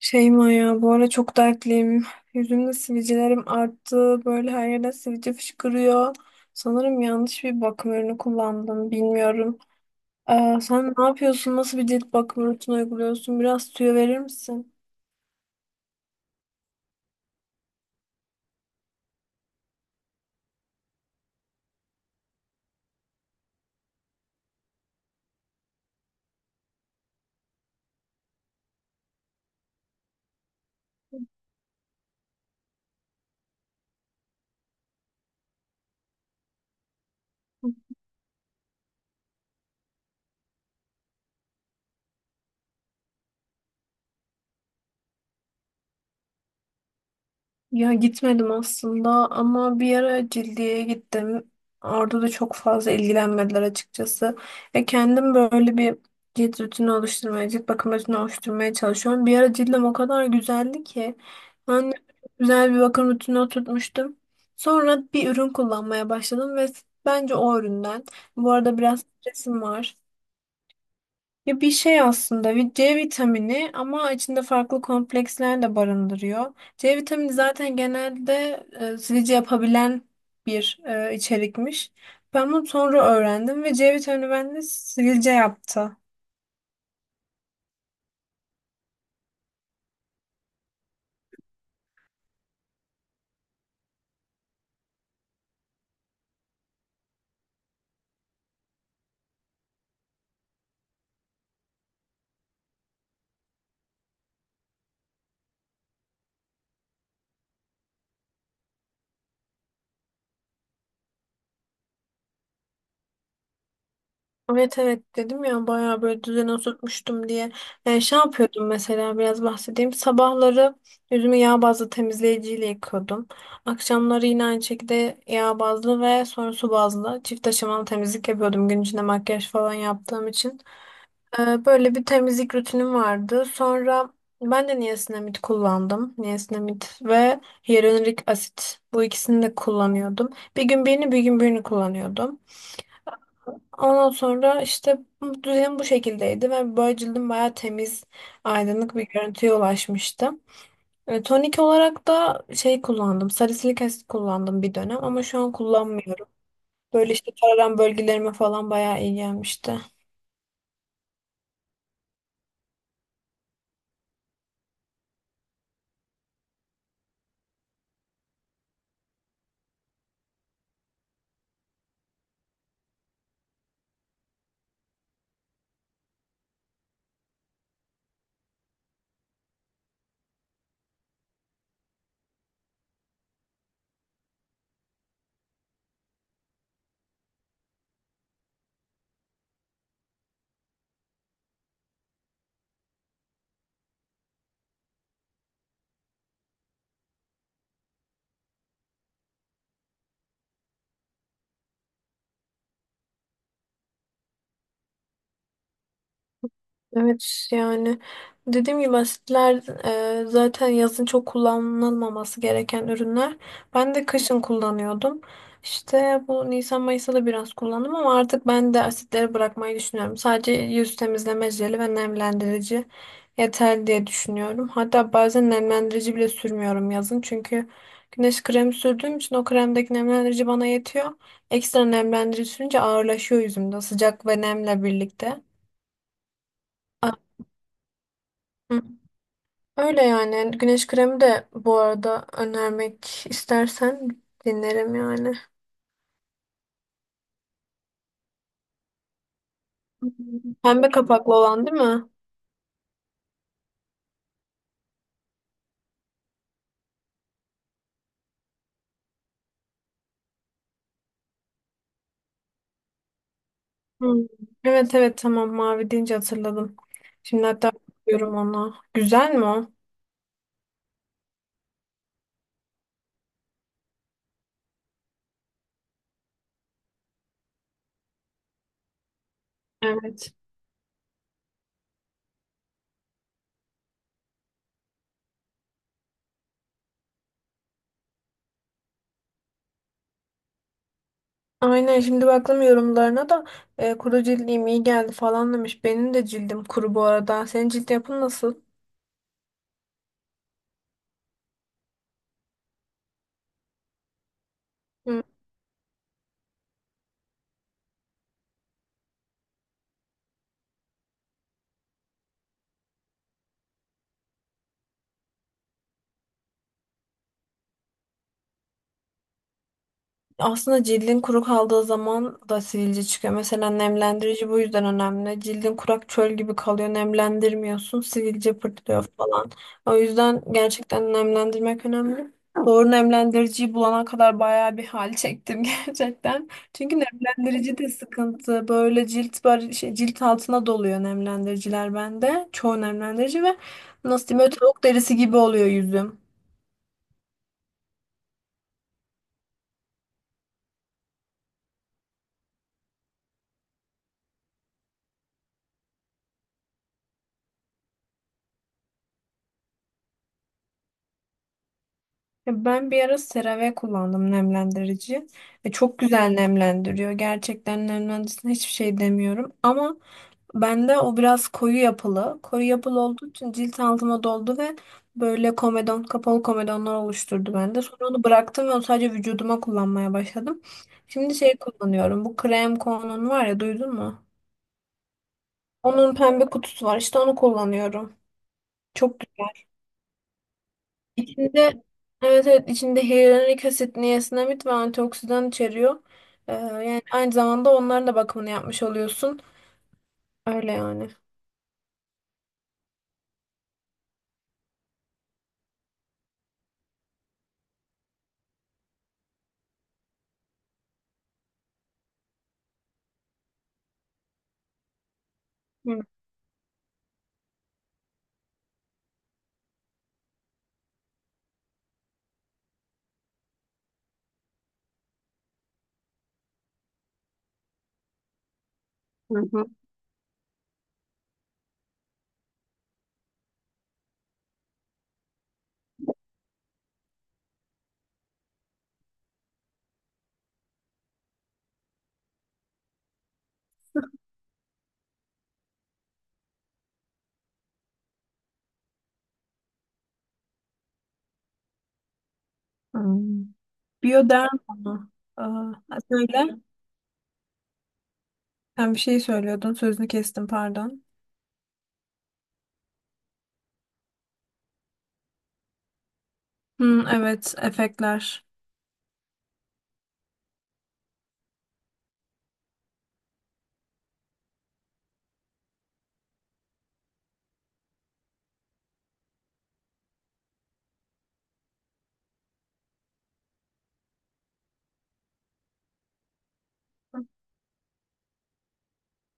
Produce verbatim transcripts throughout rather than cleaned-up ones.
Şeyma ya bu ara çok dertliyim. Yüzümde sivilcelerim arttı. Böyle her yerden sivilce fışkırıyor. Sanırım yanlış bir bakım ürünü kullandım. Bilmiyorum. Ee, sen ne yapıyorsun? Nasıl bir cilt bakım rutini uyguluyorsun? Biraz tüyo verir misin? Ya gitmedim aslında ama bir ara Cildi'ye gittim. Orada da çok fazla ilgilenmediler açıkçası. Ve kendim böyle bir cilt rutini oluşturmaya, cilt bakım rutini oluşturmaya çalışıyorum. Bir ara cildim o kadar güzeldi ki. Ben de çok güzel bir bakım rutini oturtmuştum. Sonra bir ürün kullanmaya başladım ve bence o üründen. Bu arada biraz stresim var. Ya bir şey aslında bir C vitamini ama içinde farklı kompleksler de barındırıyor. C vitamini zaten genelde e, silici yapabilen bir e, içerikmiş. Ben bunu sonra öğrendim ve C vitamini bende sivilce yaptı. Evet evet dedim ya bayağı böyle düzene oturtmuştum diye. Ee, şey yapıyordum mesela biraz bahsedeyim. Sabahları yüzümü yağ bazlı temizleyiciyle yıkıyordum. Akşamları yine aynı şekilde yağ bazlı ve sonra su bazlı çift aşamalı temizlik yapıyordum gün içinde makyaj falan yaptığım için. Ee, böyle bir temizlik rutinim vardı. Sonra ben de niacinamid kullandım. Niacinamid ve hyaluronik asit bu ikisini de kullanıyordum. Bir gün birini bir gün birini kullanıyordum. Ondan sonra işte bu düzenim bu şekildeydi ve böyle cildim bayağı temiz, aydınlık bir görüntüye ulaşmıştı. E, tonik olarak da şey kullandım, salisilik asit kullandım bir dönem ama şu an kullanmıyorum. Böyle işte kararan bölgelerime falan bayağı iyi gelmişti. Evet yani dediğim gibi asitler e, zaten yazın çok kullanılmaması gereken ürünler. Ben de kışın kullanıyordum. İşte bu Nisan Mayıs'ta da biraz kullandım ama artık ben de asitleri bırakmayı düşünüyorum. Sadece yüz temizleme jeli ve nemlendirici yeterli diye düşünüyorum. Hatta bazen nemlendirici bile sürmüyorum yazın. Çünkü güneş kremi sürdüğüm için o kremdeki nemlendirici bana yetiyor. Ekstra nemlendirici sürünce ağırlaşıyor yüzümde sıcak ve nemle birlikte. Öyle yani. Güneş kremi de bu arada önermek istersen dinlerim yani. Hı hı. Pembe kapaklı olan değil mi? Hmm. Evet evet tamam, mavi deyince hatırladım. Şimdi hatta bakıyorum ona. Güzel mi o? Evet. Aynen şimdi baktım yorumlarına da e, kuru cildim iyi geldi falan demiş. Benim de cildim kuru bu arada. Senin cilt yapın nasıl? Aslında cildin kuru kaldığı zaman da sivilce çıkıyor. Mesela nemlendirici bu yüzden önemli. Cildin kurak çöl gibi kalıyor. Nemlendirmiyorsun, sivilce pırtlıyor falan. O yüzden gerçekten nemlendirmek önemli. Doğru nemlendiriciyi bulana kadar bayağı bir hal çektim gerçekten. Çünkü nemlendirici de sıkıntı. Böyle cilt bar şey, cilt altına doluyor nemlendiriciler bende. Çoğu nemlendirici ve nasıl diyeyim böyle tavuk derisi gibi oluyor yüzüm. Ya ben bir ara CeraVe kullandım nemlendirici. Ve çok güzel nemlendiriyor. Gerçekten nemlendiricisine hiçbir şey demiyorum. Ama bende o biraz koyu yapılı. Koyu yapılı olduğu için cilt altıma doldu ve böyle komedon, kapalı komedonlar oluşturdu bende. Sonra onu bıraktım ve onu sadece vücuduma kullanmaya başladım. Şimdi şey kullanıyorum. Bu krem konunun var ya, duydun mu? Onun pembe kutusu var. İşte onu kullanıyorum. Çok İçinde evet evet içinde hyaluronik asit, niasinamid ve antioksidan içeriyor. Ee, yani aynı zamanda onların da bakımını yapmış oluyorsun. Öyle yani. Hı hı. Hmm. Bioderma mı? Aa, söyle. Sen bir şey söylüyordun. Sözünü kestim, pardon. Hı, evet, efektler.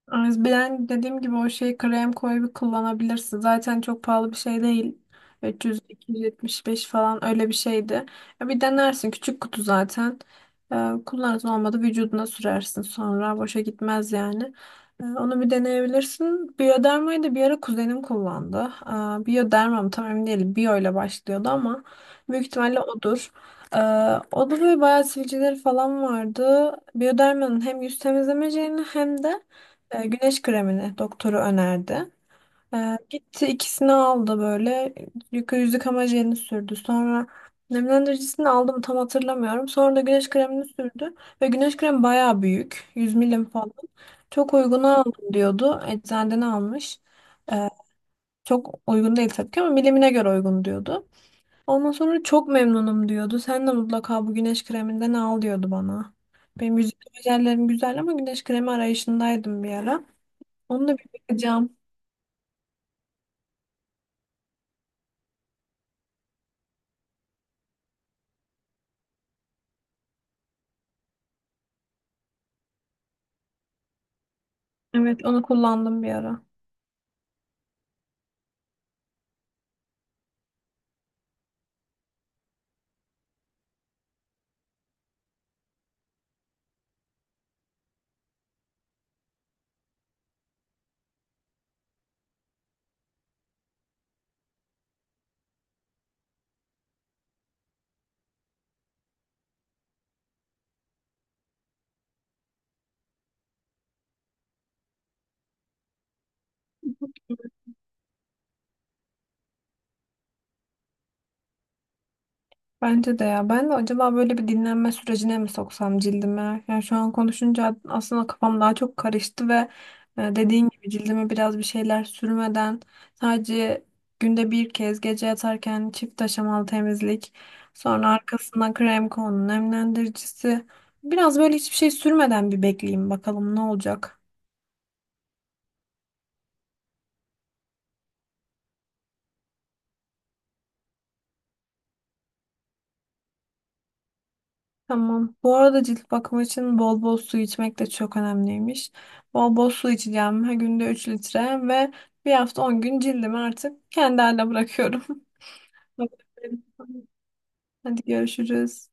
Ay, ben dediğim gibi o şeyi krem koyup kullanabilirsin. Zaten çok pahalı bir şey değil. üç yüz iki yüz yetmiş beş falan öyle bir şeydi. Ya bir denersin. Küçük kutu zaten. Ee, kullanırsın olmadı vücuduna sürersin sonra. Boşa gitmez yani. Ee, onu bir deneyebilirsin. Biyodermayı da bir ara kuzenim kullandı. Ee, Biyoderma mı tam emin değilim. Biyo ile başlıyordu ama büyük ihtimalle odur. Ee, O da böyle bayağı sivilceleri falan vardı. Biyodermanın hem yüz temizlemeceğini hem de e, güneş kremini doktoru önerdi. E, gitti ikisini aldı böyle. Yıka yüz yıkama jelini sürdü. Sonra nemlendiricisini aldım tam hatırlamıyorum. Sonra da güneş kremini sürdü. Ve güneş kremi bayağı büyük. yüz milim falan. Çok uyguna aldım diyordu. Eczaneden almış. E, Çok uygun değil tabii ki ama milimine göre uygun diyordu. Ondan sonra çok memnunum diyordu. Sen de mutlaka bu güneş kreminden al diyordu bana. Benim yüz yıkama jellerim güzel ama güneş kremi arayışındaydım bir ara. Onu da bir bakacağım. Evet, onu kullandım bir ara. Bence de ya. Ben de acaba böyle bir dinlenme sürecine mi soksam cildime? Yani şu an konuşunca aslında kafam daha çok karıştı ve e, dediğin gibi cildime biraz bir şeyler sürmeden sadece günde bir kez gece yatarken çift aşamalı temizlik, sonra arkasından krem konu nemlendiricisi. Biraz böyle hiçbir şey sürmeden bir bekleyeyim bakalım ne olacak. Tamam. Bu arada cilt bakımı için bol bol su içmek de çok önemliymiş. Bol bol su içeceğim. Her günde üç litre ve bir hafta on gün cildimi artık kendi haline bırakıyorum. Hadi görüşürüz.